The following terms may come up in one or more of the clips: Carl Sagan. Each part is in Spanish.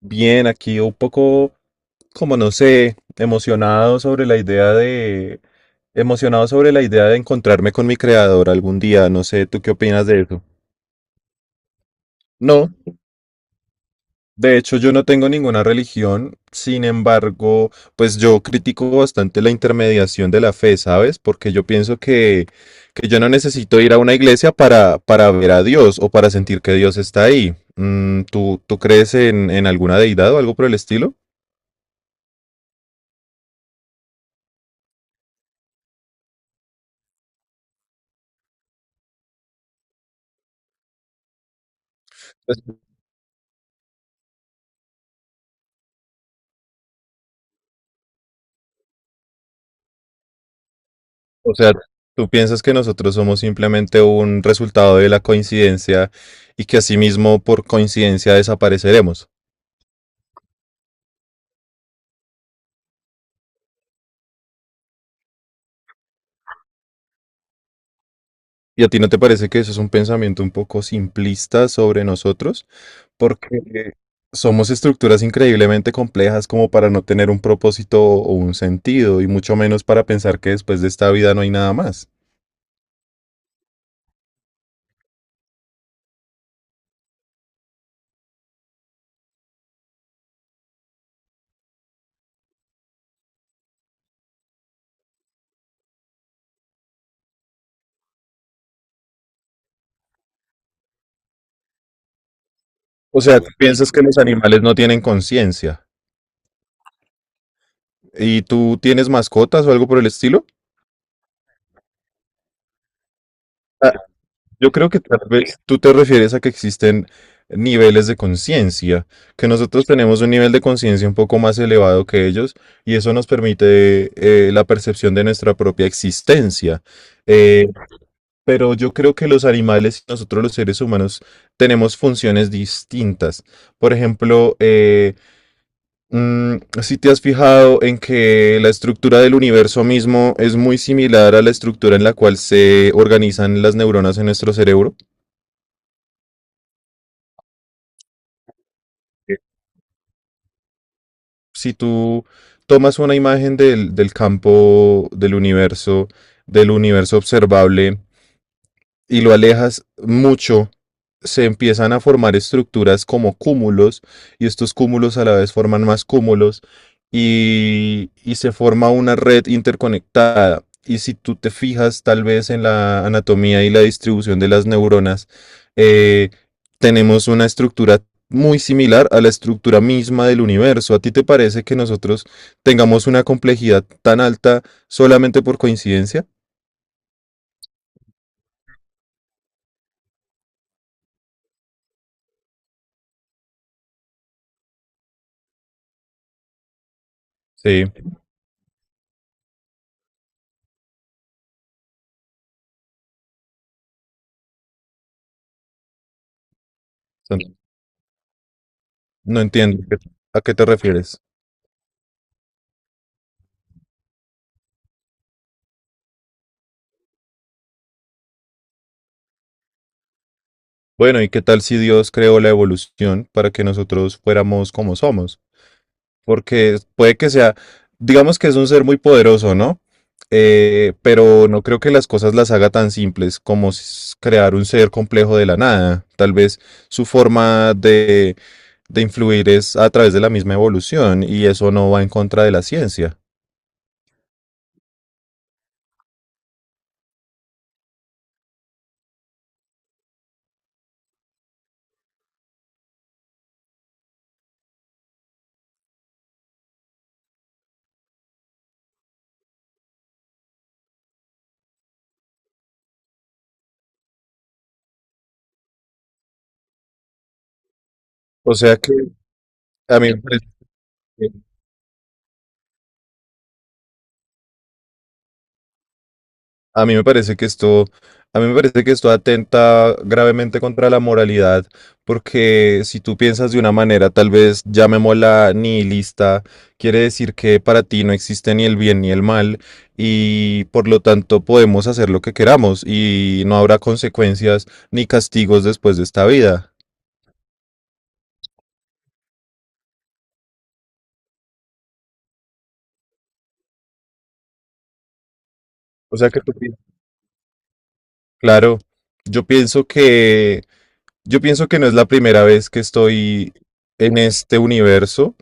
Bien, aquí un poco, como no sé, emocionado sobre la idea de, emocionado sobre la idea de encontrarme con mi creador algún día. No sé, ¿tú qué opinas de eso? No, de hecho yo no tengo ninguna religión. Sin embargo, pues yo critico bastante la intermediación de la fe, ¿sabes? Porque yo pienso que yo no necesito ir a una iglesia para ver a Dios o para sentir que Dios está ahí. Mm, ¿tú crees en alguna deidad o algo por el estilo? O sea, tú piensas que nosotros somos simplemente un resultado de la coincidencia y que asimismo por coincidencia desapareceremos. ¿Y a ti no te parece que eso es un pensamiento un poco simplista sobre nosotros? Porque somos estructuras increíblemente complejas como para no tener un propósito o un sentido, y mucho menos para pensar que después de esta vida no hay nada más. O sea, ¿tú piensas que los animales no tienen conciencia? ¿Y tú tienes mascotas o algo por el estilo? Yo creo que tal vez tú te refieres a que existen niveles de conciencia, que nosotros tenemos un nivel de conciencia un poco más elevado que ellos y eso nos permite la percepción de nuestra propia existencia. Eh, pero yo creo que los animales y nosotros los seres humanos tenemos funciones distintas. Por ejemplo, mm, si te has fijado en que la estructura del universo mismo es muy similar a la estructura en la cual se organizan las neuronas en nuestro cerebro. Si tú tomas una imagen del campo del universo observable, y lo alejas mucho, se empiezan a formar estructuras como cúmulos, y estos cúmulos a la vez forman más cúmulos y se forma una red interconectada. Y si tú te fijas tal vez en la anatomía y la distribución de las neuronas, eh, tenemos una estructura muy similar a la estructura misma del universo. ¿A ti te parece que nosotros tengamos una complejidad tan alta solamente por coincidencia? Sí, son. No entiendo a a qué te refieres. Bueno, ¿y qué tal si Dios creó la evolución para que nosotros fuéramos como somos? Porque puede que sea, digamos que es un ser muy poderoso, ¿no? Pero no creo que las cosas las haga tan simples como crear un ser complejo de la nada. Tal vez su forma de influir es a través de la misma evolución y eso no va en contra de la ciencia. O sea que a mí me parece que a mí me parece que esto, a mí me parece que esto atenta gravemente contra la moralidad, porque si tú piensas de una manera, tal vez llamémosla nihilista, quiere decir que para ti no existe ni el bien ni el mal, y por lo tanto podemos hacer lo que queramos y no habrá consecuencias ni castigos después de esta vida. O sea que tú pi-. Claro, yo pienso que yo pienso que no es la primera vez que estoy en este universo,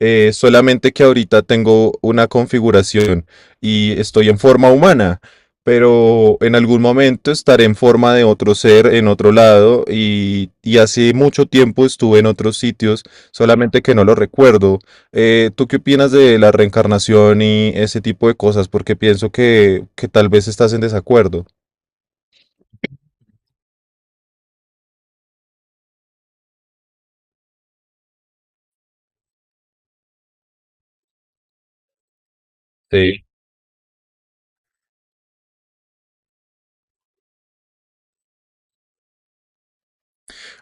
solamente que ahorita tengo una configuración y estoy en forma humana, pero en algún momento estaré en forma de otro ser en otro lado y hace mucho tiempo estuve en otros sitios, solamente que no lo recuerdo. ¿Tú qué opinas de la reencarnación y ese tipo de cosas? Porque pienso que tal vez estás en desacuerdo. Sí.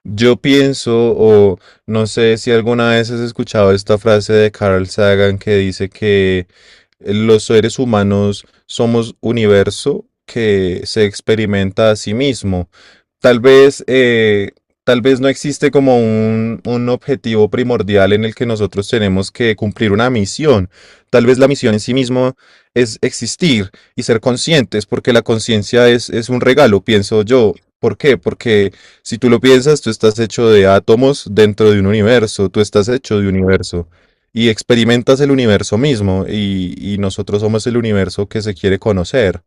Yo pienso, o no sé si alguna vez has escuchado esta frase de Carl Sagan que dice que los seres humanos somos universo que se experimenta a sí mismo. Tal vez, eh, tal vez no existe como un objetivo primordial en el que nosotros tenemos que cumplir una misión. Tal vez la misión en sí mismo es existir y ser conscientes, porque la conciencia es un regalo, pienso yo. ¿Por qué? Porque si tú lo piensas, tú estás hecho de átomos dentro de un universo, tú estás hecho de universo y experimentas el universo mismo y nosotros somos el universo que se quiere conocer.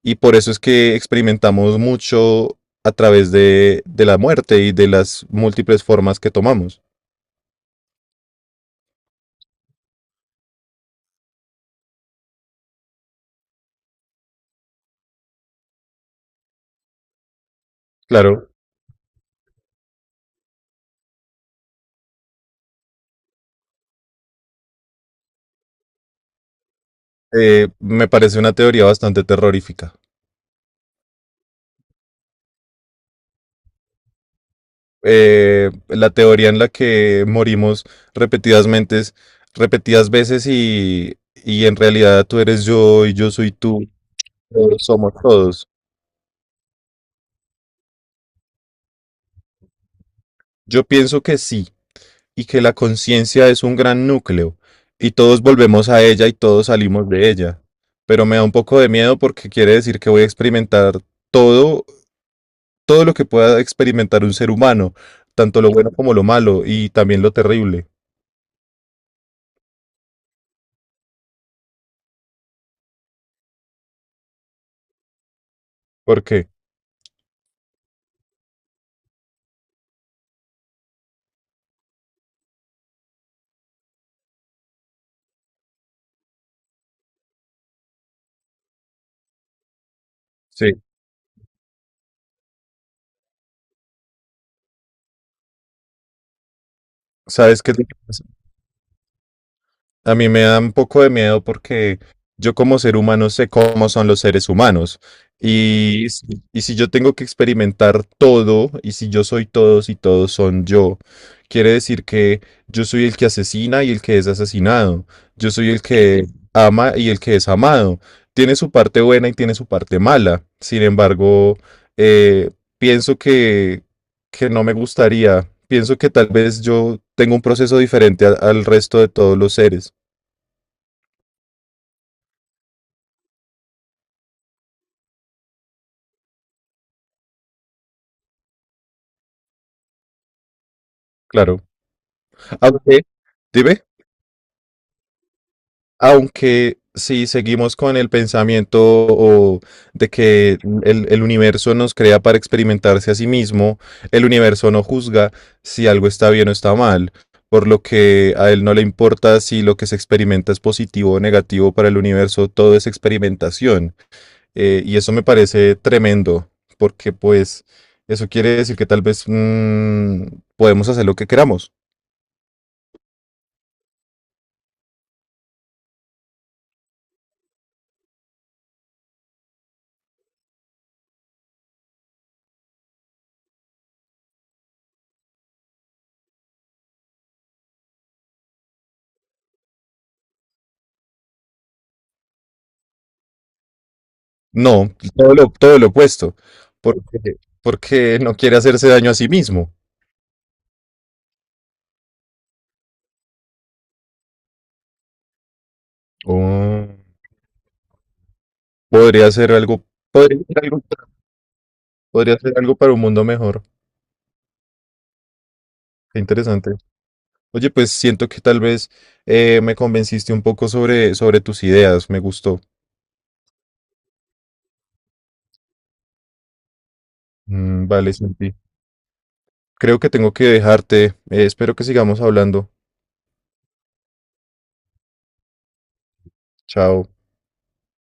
Y por eso es que experimentamos mucho a través de la muerte y de las múltiples formas que tomamos. Claro, me parece una teoría bastante terrorífica. La teoría en la que morimos repetidas mentes, repetidas veces y en realidad tú eres yo y yo soy tú, todos somos todos. Yo pienso que sí, y que la conciencia es un gran núcleo y todos volvemos a ella y todos salimos de ella. Pero me da un poco de miedo porque quiere decir que voy a experimentar todo, todo lo que pueda experimentar un ser humano, tanto lo bueno como lo malo y también lo terrible. ¿Por qué sí? ¿Sabes qué es lo que pasa? A mí me da un poco de miedo porque yo como ser humano sé cómo son los seres humanos. Y, y si yo tengo que experimentar todo, y si yo soy todos y todos son yo, quiere decir que yo soy el que asesina y el que es asesinado. Yo soy el que ama y el que es amado. Tiene su parte buena y tiene su parte mala. Sin embargo, eh, pienso que no me gustaría. Pienso que tal vez yo tengo un proceso diferente al resto de todos los seres. Claro. Aunque, dime, aunque si seguimos con el pensamiento o de que el universo nos crea para experimentarse a sí mismo, el universo no juzga si algo está bien o está mal, por lo que a él no le importa si lo que se experimenta es positivo o negativo para el universo, todo es experimentación. Y eso me parece tremendo, porque pues eso quiere decir que tal vez podemos hacer lo que queramos. No, todo lo opuesto, porque, porque no quiere hacerse daño a sí mismo. Oh, podría ser algo, podría ser algo, podría ser algo para un mundo mejor. Qué interesante. Oye, pues siento que tal vez me convenciste un poco sobre tus ideas. Me gustó. Mm, vale, Santi. Creo que tengo que dejarte. Espero que sigamos hablando. Chao.